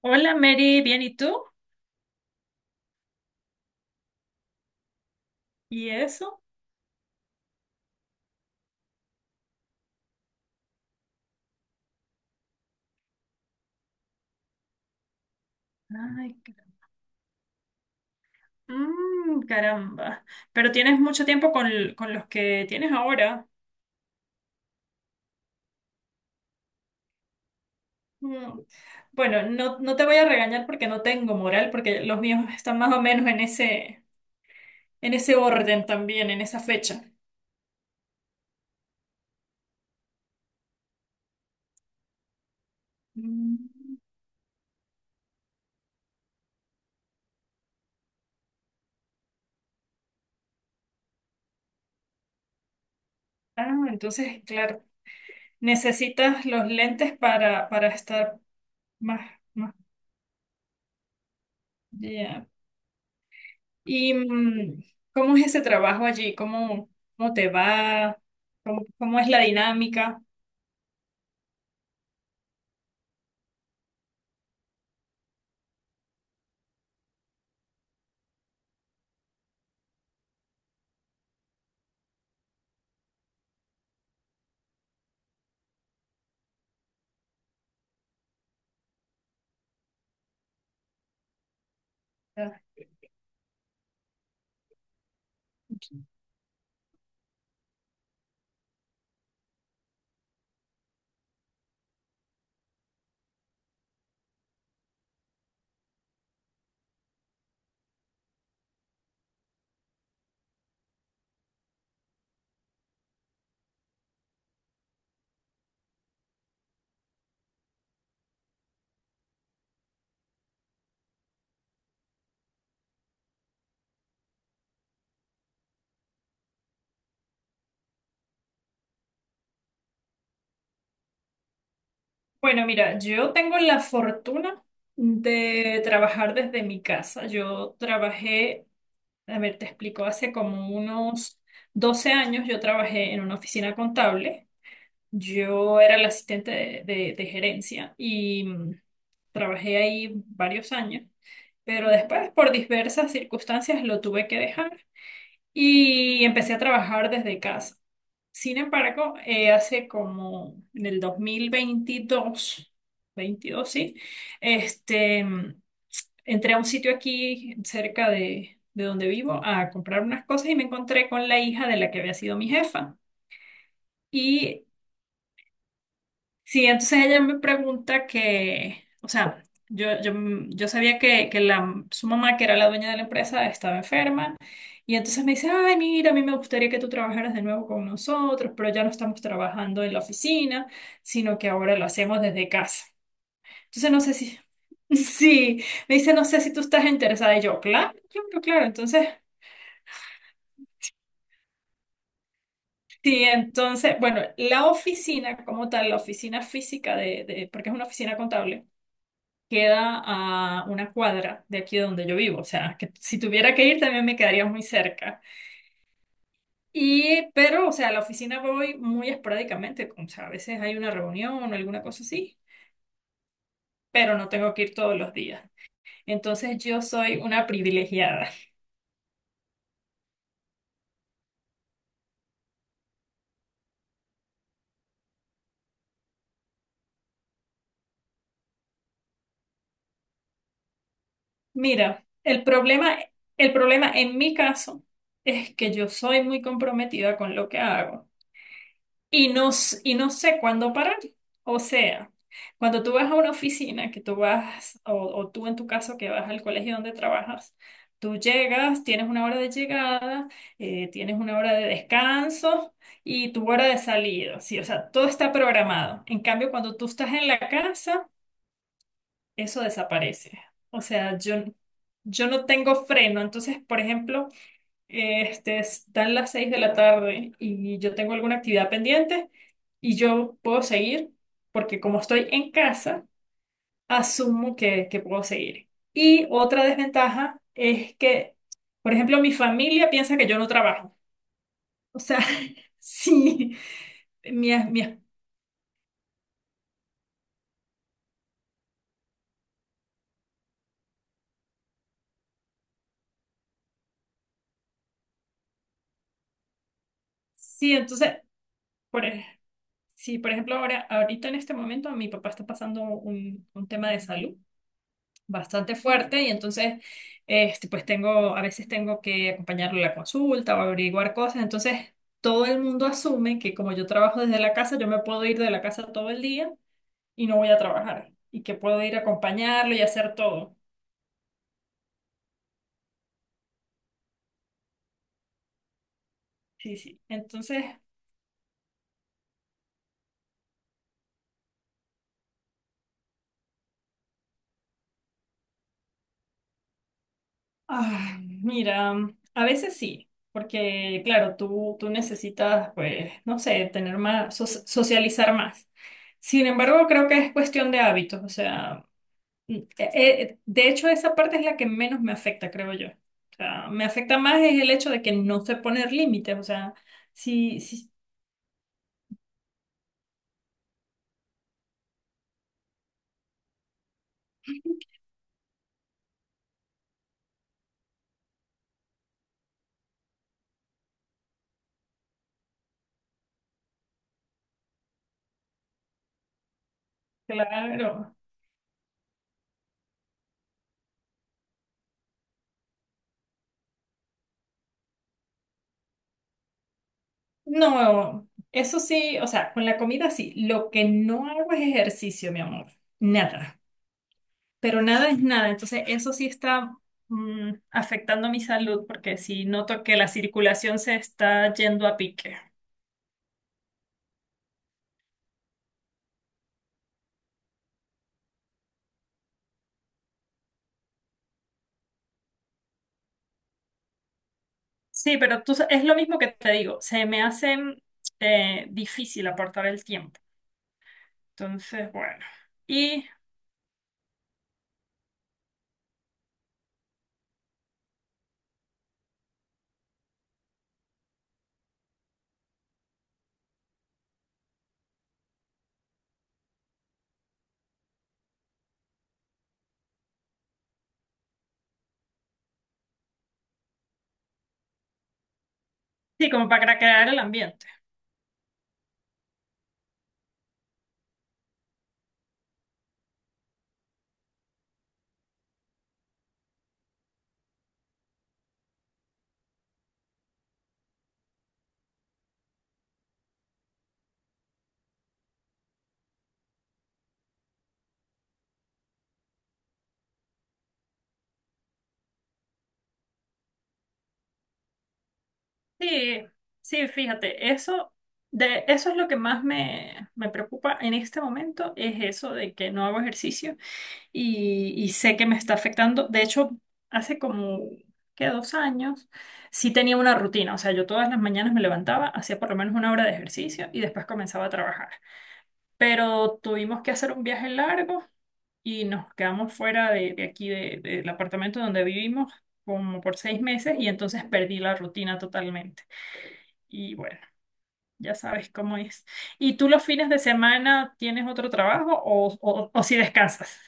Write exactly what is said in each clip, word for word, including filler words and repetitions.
Hola Mary, ¿bien y tú? ¿Y eso? Ay, car- Mm, caramba. Pero tienes mucho tiempo con, l- con los que tienes ahora. Mm. Bueno, no, no te voy a regañar porque no tengo moral, porque los míos están más o menos en ese, en ese orden también, en esa fecha. Mm. Ah, entonces, claro, necesitas los lentes para, para estar más, más. Ya. ¿Y mm, cómo es ese trabajo allí? ¿Cómo, cómo te va? ¿Cómo, cómo es la dinámica? Bueno, mira, yo tengo la fortuna de trabajar desde mi casa. Yo trabajé, a ver, te explico, hace como unos doce años yo trabajé en una oficina contable. Yo era la asistente de, de- de gerencia y mm, trabajé ahí varios años, pero después por diversas circunstancias lo tuve que dejar y empecé a trabajar desde casa. Sin embargo, eh, hace como en el dos mil veintidós veintidós, sí, este, entré a un sitio aquí cerca de, de donde vivo a comprar unas cosas y me encontré con la hija de la que había sido mi jefa. Y sí, entonces ella me pregunta que, o sea, yo, yo, yo sabía que, que la, su mamá, que era la dueña de la empresa, estaba enferma. Y entonces me dice: ay, mira, a mí me gustaría que tú trabajaras de nuevo con nosotros, pero ya no estamos trabajando en la oficina, sino que ahora lo hacemos desde casa. Entonces no sé si, sí, me dice, no sé si tú estás interesada. Y yo, claro, claro, claro. Entonces, sí, entonces, bueno, la oficina como tal, la oficina física de, de porque es una oficina contable. Queda a una cuadra de aquí donde yo vivo, o sea, que si tuviera que ir también me quedaría muy cerca. Y, pero, o sea, a la oficina voy muy esporádicamente, como, o sea, a veces hay una reunión o alguna cosa así, pero no tengo que ir todos los días. Entonces yo soy una privilegiada. Mira, el problema, el problema en mi caso es que yo soy muy comprometida con lo que hago. Y no, s- y no sé cuándo parar. O sea, cuando tú vas a una oficina, que tú vas, o, o tú en tu caso que vas al colegio donde trabajas, tú llegas, tienes una hora de llegada, eh, tienes una hora de descanso y tu hora de salida, sí, o sea, todo está programado. En cambio, cuando tú estás en la casa, eso desaparece. O sea, yo, yo no tengo freno. Entonces, por ejemplo. Este, están las seis de la tarde y yo tengo alguna actividad pendiente y yo puedo seguir porque como estoy en casa, asumo que, que puedo seguir. Y otra desventaja es que, por ejemplo, mi familia piensa que yo no trabajo. O sea, sí, mi, mi- sí, entonces, por, ej- sí, por ejemplo, ahora, ahorita en este momento mi papá está pasando un un tema de salud bastante fuerte y entonces este, pues tengo, a veces tengo que acompañarlo a la consulta o averiguar cosas, entonces todo el mundo asume que como yo trabajo desde la casa, yo me puedo ir de la casa todo el día y no voy a trabajar y que puedo ir a acompañarlo y hacer todo. Sí, sí. Entonces, ah, mira, a veces sí. Porque, claro, tú, tú necesitas, pues, no sé, tener más, so- socializar más. Sin embargo, creo que es cuestión de hábitos. O sea, Mm, eh, eh, de hecho, esa parte es la que menos me afecta, creo yo. O sea, me afecta más es el hecho de que no sé poner límites. O sea, sí, sí, claro. No, eso sí, o sea, con la comida sí. Lo que no hago es ejercicio, mi amor. Nada. Pero nada es nada. Entonces, eso sí está mm, afectando mi salud porque sí noto que la circulación se está yendo a pique. Sí, pero tú, sa- es lo mismo que te digo. Se me hace mm, eh, difícil aportar el tiempo. Entonces, bueno. Y sí, como para crear el ambiente. Sí, sí, fíjate, eso, de, eso es lo que más me, me preocupa en este momento, es eso de que no hago ejercicio y, y sé que me está afectando. De hecho, hace como, ¿qué? Dos años, sí tenía una rutina. O sea, yo todas las mañanas me levantaba, hacía por lo menos una hora de ejercicio y después comenzaba a trabajar. Pero tuvimos que hacer un viaje largo. Y nos quedamos fuera de, de aquí, de- del apartamento donde vivimos, como por seis meses y entonces perdí la rutina totalmente. Y bueno, ya sabes cómo es. ¿Y tú los fines de semana tienes otro trabajo o, o, o si descansas?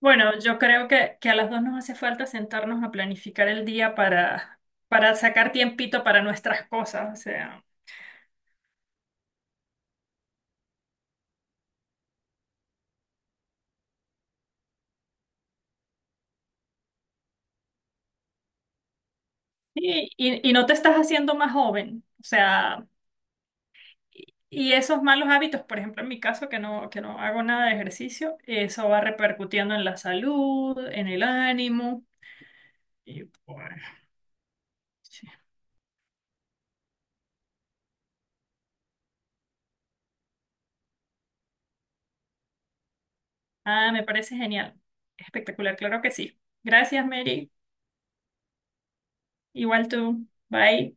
Bueno, yo creo que, que a las dos nos hace falta sentarnos a planificar el día para, para sacar tiempito para nuestras cosas. O sea, y, y, y no te estás haciendo más joven. O sea, y esos malos hábitos, por ejemplo, en mi caso, que no, que no hago nada de ejercicio, eso va repercutiendo en la salud, en el ánimo. Y bueno, sí. Ah, me parece genial. Espectacular, claro que sí. Gracias, Mary. Igual tú. Bye.